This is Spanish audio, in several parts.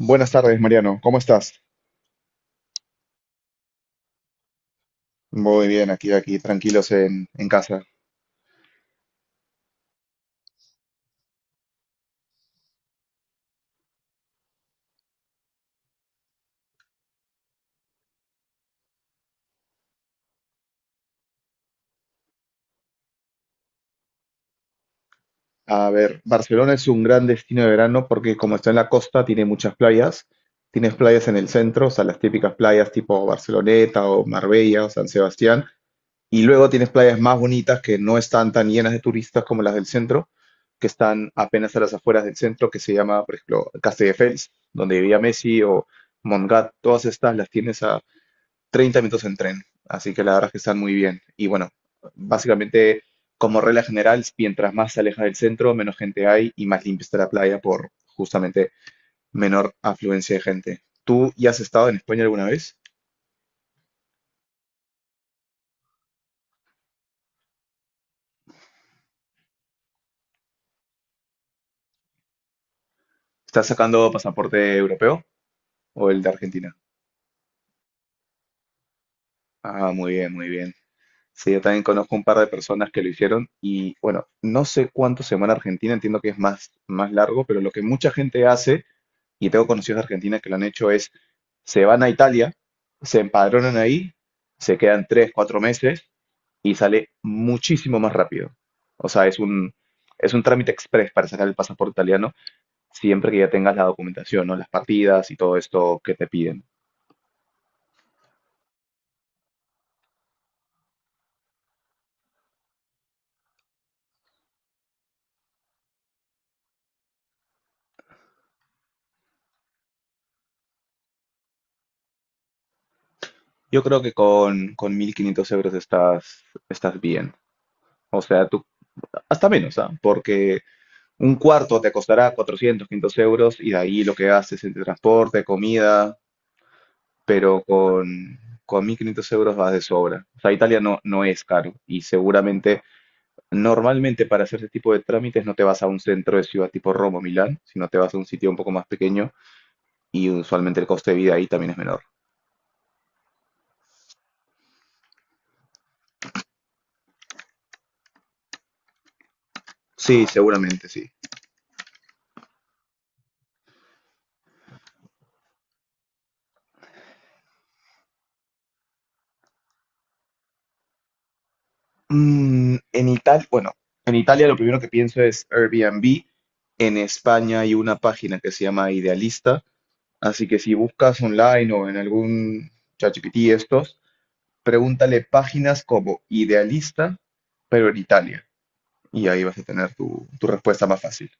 Buenas tardes, Mariano. ¿Cómo estás? Muy bien, aquí, tranquilos en casa. A ver, Barcelona es un gran destino de verano porque como está en la costa, tiene muchas playas. Tienes playas en el centro, o sea, las típicas playas tipo Barceloneta o Marbella o San Sebastián. Y luego tienes playas más bonitas que no están tan llenas de turistas como las del centro, que están apenas a las afueras del centro, que se llama, por ejemplo, Castelldefels, donde vivía Messi o Montgat. Todas estas las tienes 30 minutos en tren, así que la verdad es que están muy bien. Y bueno, básicamente, como regla general, mientras más se aleja del centro, menos gente hay y más limpia está la playa por justamente menor afluencia de gente. ¿Tú ya has estado en España alguna vez? ¿Estás sacando pasaporte europeo o el de Argentina? Ah, muy bien, muy bien. Sí, yo también conozco un par de personas que lo hicieron y bueno, no sé cuánto se va en Argentina, entiendo que es más largo, pero lo que mucha gente hace y tengo conocidos de Argentina que lo han hecho es, se van a Italia, se empadronan ahí, se quedan 3, 4 meses y sale muchísimo más rápido. O sea, es un trámite express para sacar el pasaporte italiano, siempre que ya tengas la documentación, ¿no? Las partidas y todo esto que te piden. Yo creo que con 1.500 euros estás bien. O sea, tú, hasta menos, ¿ah? Porque un cuarto te costará 400-500 euros y de ahí lo que haces entre transporte, comida, pero con 1.500 euros vas de sobra. O sea, Italia no, no es caro y seguramente, normalmente para hacer ese tipo de trámites no te vas a un centro de ciudad tipo Roma o Milán, sino te vas a un sitio un poco más pequeño y usualmente el coste de vida ahí también es menor. Sí, seguramente sí. En Italia, bueno, en Italia lo primero que pienso es Airbnb. En España hay una página que se llama Idealista, así que si buscas online o en algún ChatGPT estos, pregúntale páginas como Idealista, Prioritaria. Y ahí vas a tener tu respuesta más fácil.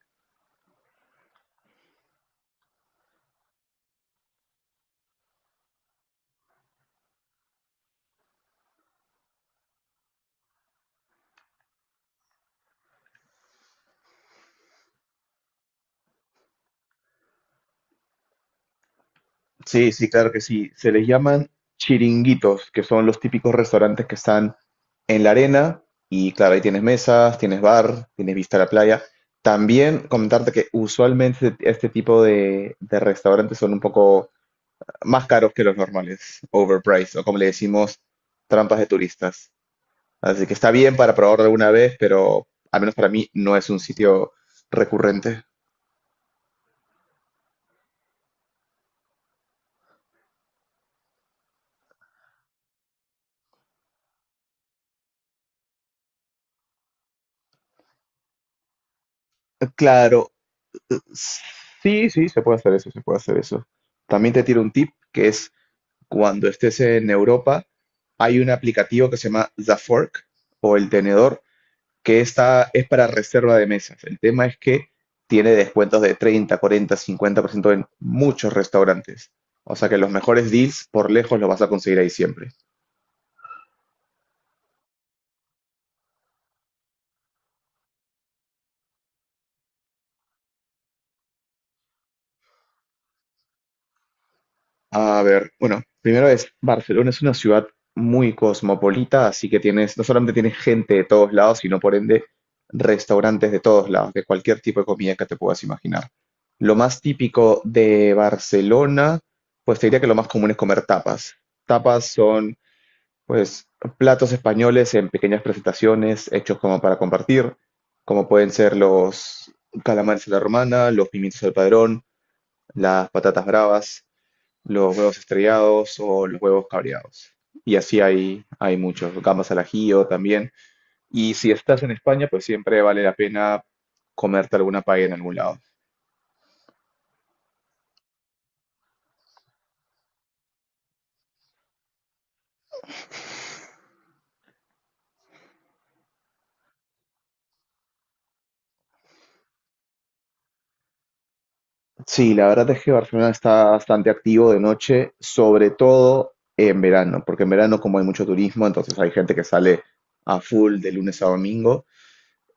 Sí, sí, claro que sí. Se les llaman chiringuitos, que son los típicos restaurantes que están en la arena. Y claro, ahí tienes mesas, tienes bar, tienes vista a la playa. También comentarte que usualmente este tipo de restaurantes son un poco más caros que los normales, overpriced, o como le decimos, trampas de turistas. Así que está bien para probar alguna vez, pero al menos para mí no es un sitio recurrente. Claro, sí, sí, se puede hacer eso, se puede hacer eso. También te tiro un tip que es cuando estés en Europa, hay un aplicativo que se llama The Fork o el tenedor, es para reserva de mesas. El tema es que tiene descuentos de 30, 40, 50% en muchos restaurantes. O sea que los mejores deals por lejos los vas a conseguir ahí siempre. A ver, bueno, primero es Barcelona es una ciudad muy cosmopolita, así que tienes, no solamente tienes gente de todos lados, sino por ende restaurantes de todos lados, de cualquier tipo de comida que te puedas imaginar. Lo más típico de Barcelona, pues te diría que lo más común es comer tapas. Tapas son, pues, platos españoles en pequeñas presentaciones hechos como para compartir, como pueden ser los calamares a la romana, los pimientos al padrón, las patatas bravas, los huevos estrellados o los huevos cabreados. Y así hay muchos, gambas al ajillo también. Y si estás en España, pues siempre vale la pena comerte alguna paella en algún lado. Sí, la verdad es que Barcelona está bastante activo de noche, sobre todo en verano, porque en verano como hay mucho turismo, entonces hay gente que sale a full de lunes a domingo.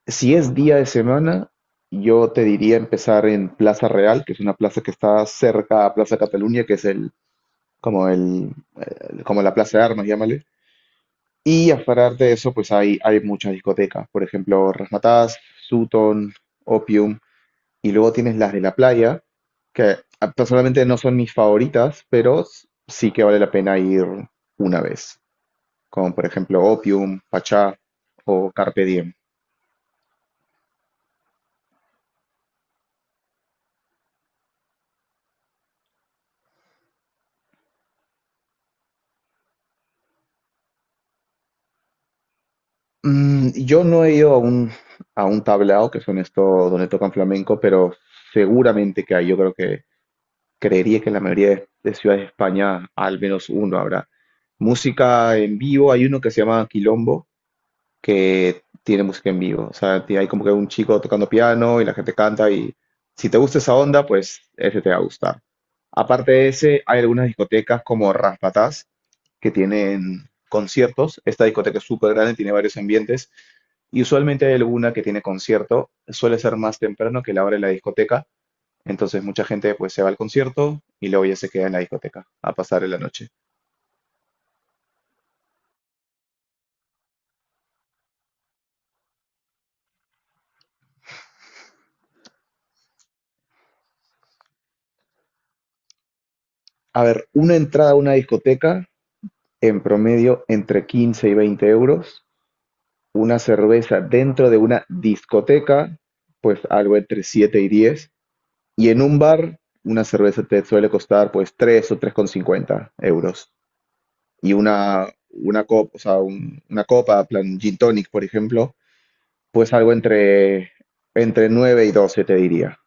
Si es día de semana, yo te diría empezar en Plaza Real, que es una plaza que está cerca a Plaza Cataluña, que es como el, el- como la Plaza de Armas, llámale. Y aparte de eso, pues hay muchas discotecas, por ejemplo, Razzmatazz, Sutton, Opium, y luego tienes las de la playa, que personalmente no son mis favoritas, pero sí que vale la pena ir una vez, como por ejemplo Opium, Pachá o Carpe Diem. Yo no he ido a un tablao, que son estos donde tocan flamenco, pero seguramente que hay. Yo creo que Creería que en la mayoría de ciudades de España al menos uno habrá. Música en vivo, hay uno que se llama Quilombo, que tiene música en vivo. O sea, hay como que un chico tocando piano y la gente canta y si te gusta esa onda, pues ese te va a gustar. Aparte de ese, hay algunas discotecas como Raspatás que tienen conciertos. Esta discoteca es súper grande, tiene varios ambientes y usualmente hay alguna que tiene concierto. Suele ser más temprano que la hora de la discoteca, entonces mucha gente pues se va al concierto y luego ya se queda en la discoteca a pasar la noche. A ver, una entrada a una discoteca en promedio entre 15 y 20 euros. Una cerveza dentro de una discoteca, pues algo entre 7 y 10. Y en un bar, una cerveza te suele costar pues 3 o 3,50 euros. Y una copa, o sea, una copa, plan gin tonic, por ejemplo, pues algo entre 9 y 12, te diría.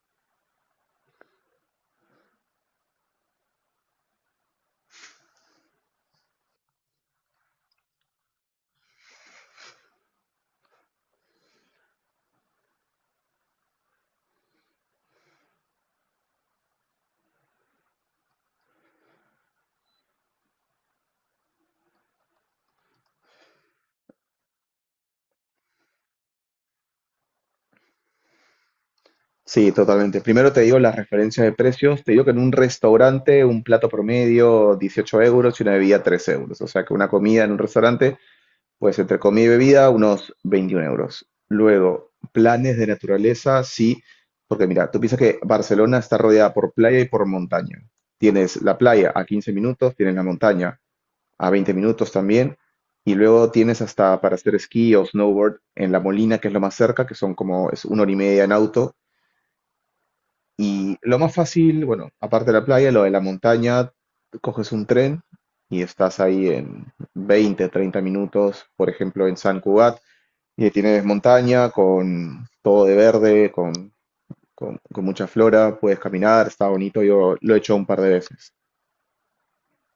Sí, totalmente. Primero te digo las referencias de precios. Te digo que en un restaurante un plato promedio 18 euros y una bebida 3 euros. O sea que una comida en un restaurante, pues entre comida y bebida, unos 21 euros. Luego, planes de naturaleza, sí, porque mira, tú piensas que Barcelona está rodeada por playa y por montaña. Tienes la playa a 15 minutos, tienes la montaña a 20 minutos también, y luego tienes hasta para hacer esquí o snowboard en La Molina, que es lo más cerca, que son como es una hora y media en auto, y lo más fácil, bueno, aparte de la playa, lo de la montaña, coges un tren y estás ahí en 20, 30 minutos, por ejemplo, en San Cugat, y ahí tienes montaña con todo de verde, con mucha flora, puedes caminar, está bonito, yo lo he hecho un par de veces,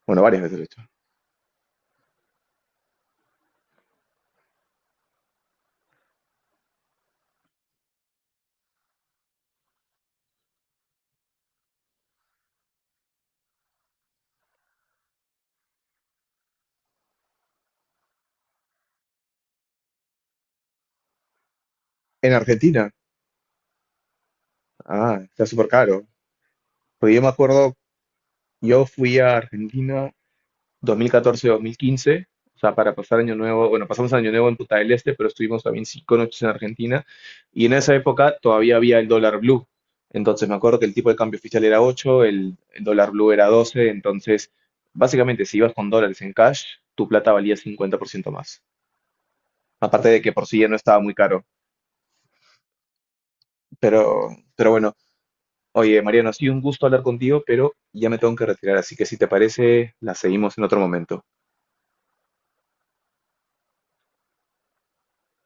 bueno, varias veces lo he hecho. En Argentina, está súper caro, pues yo me acuerdo, yo fui a Argentina 2014-2015, o sea, para pasar Año Nuevo, bueno, pasamos Año Nuevo en Punta del Este, pero estuvimos también 5 noches en Argentina, y en esa época todavía había el dólar blue, entonces me acuerdo que el tipo de cambio oficial era 8, el dólar blue era 12, entonces básicamente si ibas con dólares en cash, tu plata valía 50% más, aparte de que por sí ya no estaba muy caro, pero bueno, oye, Mariano, ha sido un gusto hablar contigo, pero ya me tengo que retirar, así que si te parece, la seguimos en otro momento.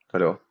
Hasta luego.